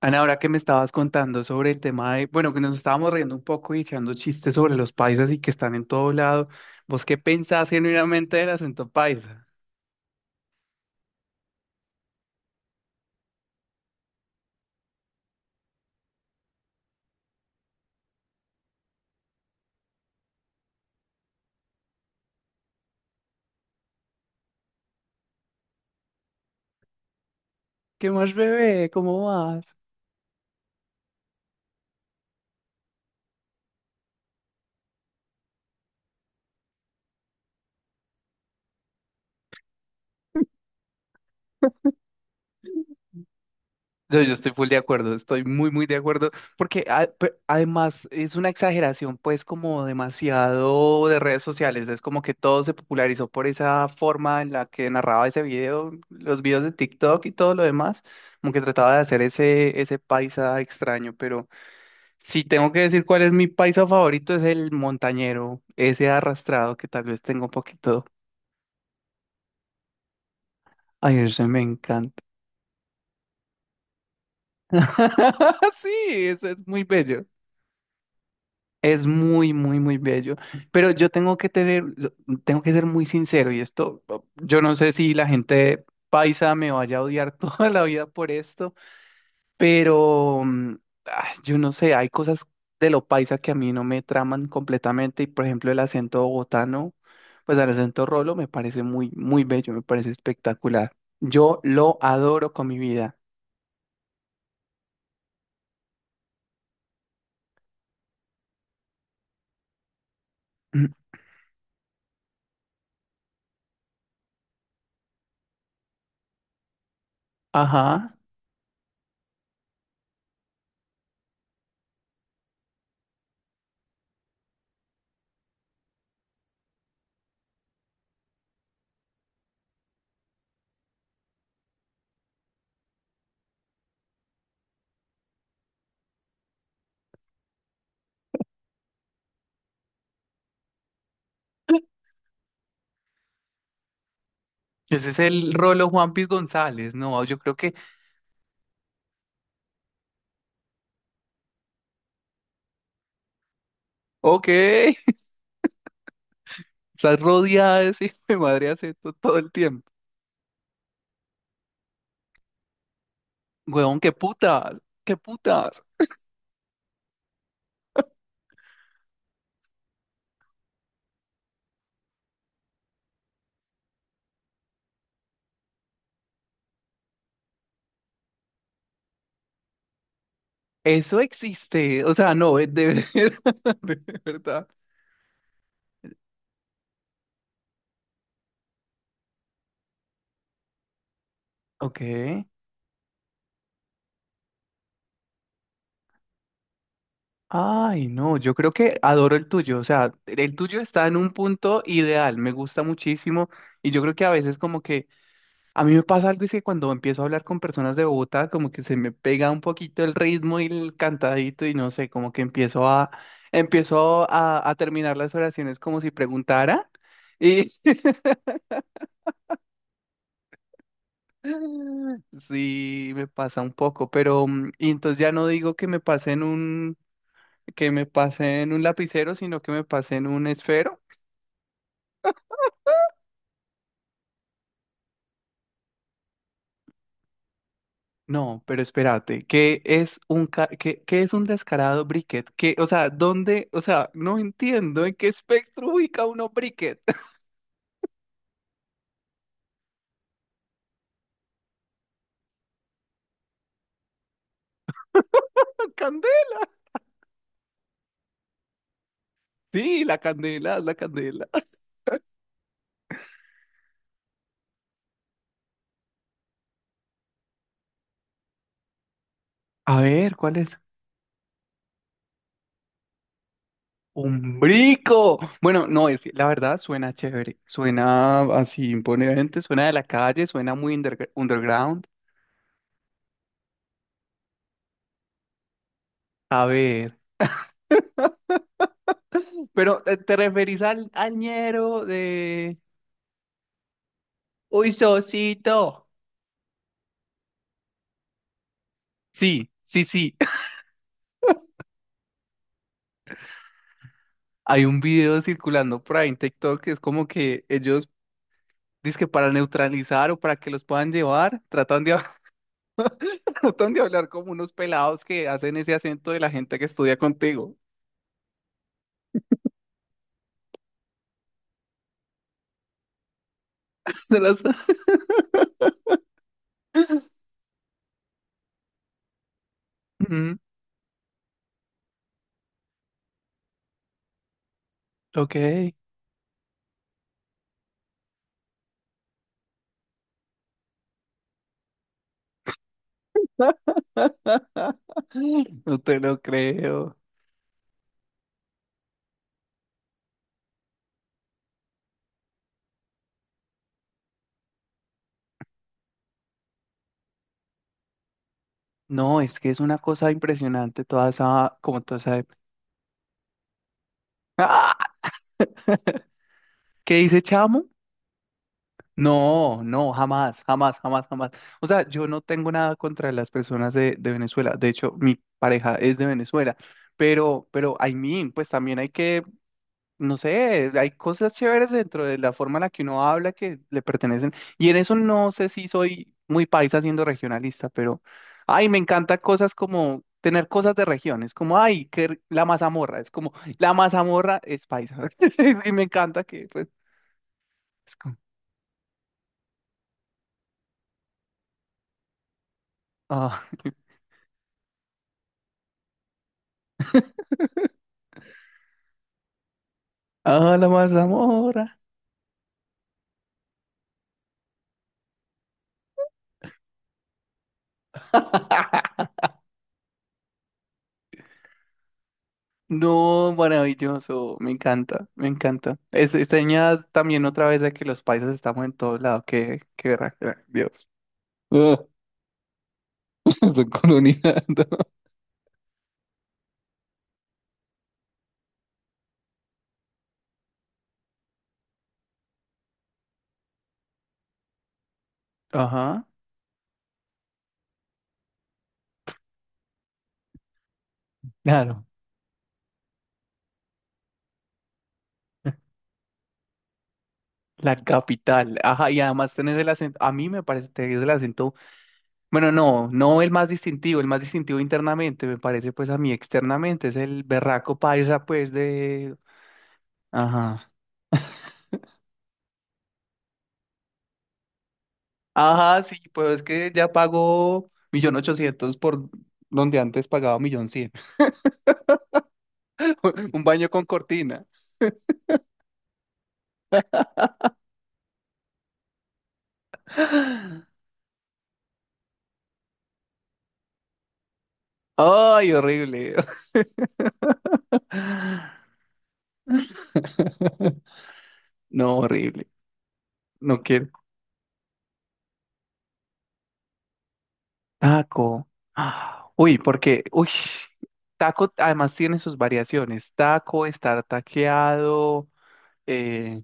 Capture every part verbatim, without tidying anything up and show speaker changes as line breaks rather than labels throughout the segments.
Ana, ahora que me estabas contando sobre el tema de, bueno, que nos estábamos riendo un poco y echando chistes sobre los paisas y que están en todo lado, ¿vos qué pensás genuinamente del acento paisa? ¿Qué más, bebé? ¿Cómo vas? No, yo estoy full de acuerdo, estoy muy, muy de acuerdo, porque a- pe- además es una exageración, pues, como demasiado de redes sociales, es como que todo se popularizó por esa forma en la que narraba ese video, los videos de TikTok y todo lo demás, como que trataba de hacer ese, ese paisa extraño, pero... Si tengo que decir cuál es mi paisa favorito, es el montañero, ese arrastrado que tal vez tengo un poquito. Ay, ese me encanta. Sí, ese es muy bello. Es muy, muy, muy bello. Pero yo tengo que tener, yo tengo que ser muy sincero y esto, yo no sé si la gente paisa me vaya a odiar toda la vida por esto. Pero mm, ah, yo no sé, hay cosas de lo paisa que a mí no me traman completamente. Y por ejemplo, el acento bogotano, pues el acento rolo me parece muy, muy bello, me parece espectacular. Yo lo adoro con mi vida. Mm. Ajá. Ese es el rolo Juanpis González, ¿no? Yo creo que, ok, estás rodeada de ese hijo de madre acento todo el tiempo. Huevón, qué putas, qué putas. Eso existe, o sea, no, eh, de verdad, de verdad. Ok. Ay, no, yo creo que adoro el tuyo. O sea, el tuyo está en un punto ideal, me gusta muchísimo. Y yo creo que a veces como que a mí me pasa algo y es que cuando empiezo a hablar con personas de Bogotá, como que se me pega un poquito el ritmo y el cantadito y no sé, como que empiezo a, empiezo a, a terminar las oraciones como si preguntara. Y sí, me pasa un poco, pero mm, y entonces ya no digo que me pase en un... que me pasé en un lapicero, sino que me pasé en un esfero. No, pero espérate, ¿qué es un ca- ¿qué, qué es un descarado briquet? ¿Qué, o sea, dónde, o sea, no entiendo en qué espectro ubica uno briquet. ¿Candela? Sí, la candela, la candela. A ver, ¿cuál es? Un brico. Bueno, no, es, la verdad suena chévere, suena así imponente, suena de la calle, suena muy underg- underground. A ver, pero eh, ¿te referís al, al ñero de...? Uy, Sosito. Sí, sí, sí. Hay un video circulando por ahí en TikTok que es como que ellos, dicen que para neutralizar o para que los puedan llevar, tratan de, hab- tratan de hablar como unos pelados que hacen ese acento de la gente que estudia contigo. Se las- Mm, ok, no te lo creo. No, es que es una cosa impresionante toda esa, como toda esa... ¡Ah! ¿Qué dice Chamo? No, no, jamás, jamás, jamás, jamás. O sea, yo no tengo nada contra las personas de, de Venezuela. De hecho, mi pareja es de Venezuela. Pero, pero, I mean, pues también hay que, no sé, hay cosas chéveres dentro de la forma en la que uno habla que le pertenecen. Y en eso no sé si soy muy paisa siendo regionalista, pero, ay, me encanta cosas como tener cosas de regiones, como, ay, que r- la mazamorra, es como, la mazamorra es paisa. Y me encanta que, pues, es como, ah. Hola, Mazamorra. No, maravilloso, me encanta, me encanta. Es, esta niña también otra vez de que los paisas estamos en todos lados, que, qué verá, Dios. Ah, estoy colonizando. Ajá, claro, la capital. Ajá, y además tenés el acento, a mí me parece, tenés el acento, bueno, no, no el más distintivo, el más distintivo internamente, me parece pues a mí externamente, es el berraco paisa pues de... Ajá. Ajá, sí, pues es que ya pago millón ochocientos por donde antes pagaba millón cien. Un baño con cortina. Ay, horrible. No, horrible. No quiero. Taco. Ah, uy, porque, uy, taco además tiene sus variaciones. Taco, estar taqueado, eh,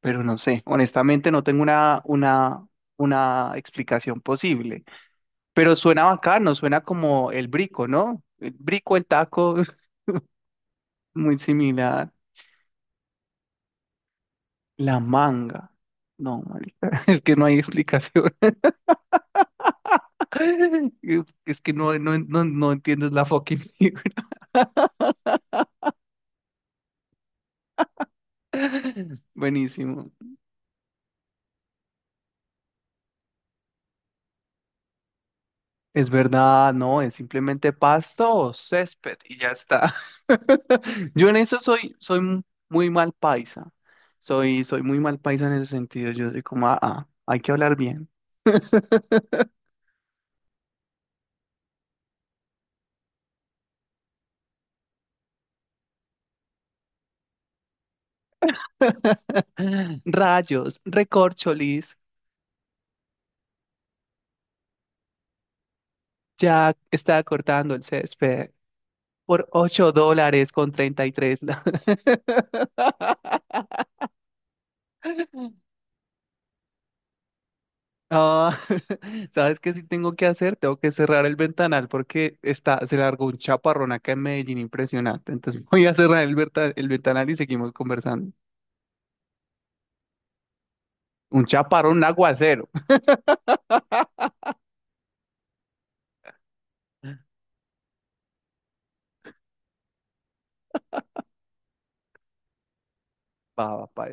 pero no sé. Honestamente, no tengo una, una, una explicación posible. Pero suena bacano, suena como el brico, ¿no? El brico, el taco, muy similar. La manga. No, marica, es que no hay explicación. Es que no, no, no, no entiendes la fucking figura. Buenísimo. Es verdad, no, es simplemente pasto o césped y ya está. Yo en eso soy, soy mu- muy mal paisa. Soy, soy muy mal paisa en ese sentido. Yo soy como, ah, ah, hay que hablar bien. Rayos, recorcholis, Jack está cortando el césped por ocho dólares con treinta y tres. La- Ah, ¿sabes qué sí tengo que hacer? Tengo que cerrar el ventanal porque está, se largó un chaparrón acá en Medellín impresionante. Entonces voy a cerrar el, verta- el ventanal y seguimos conversando. Un chaparrón, un aguacero. Va, va, pa-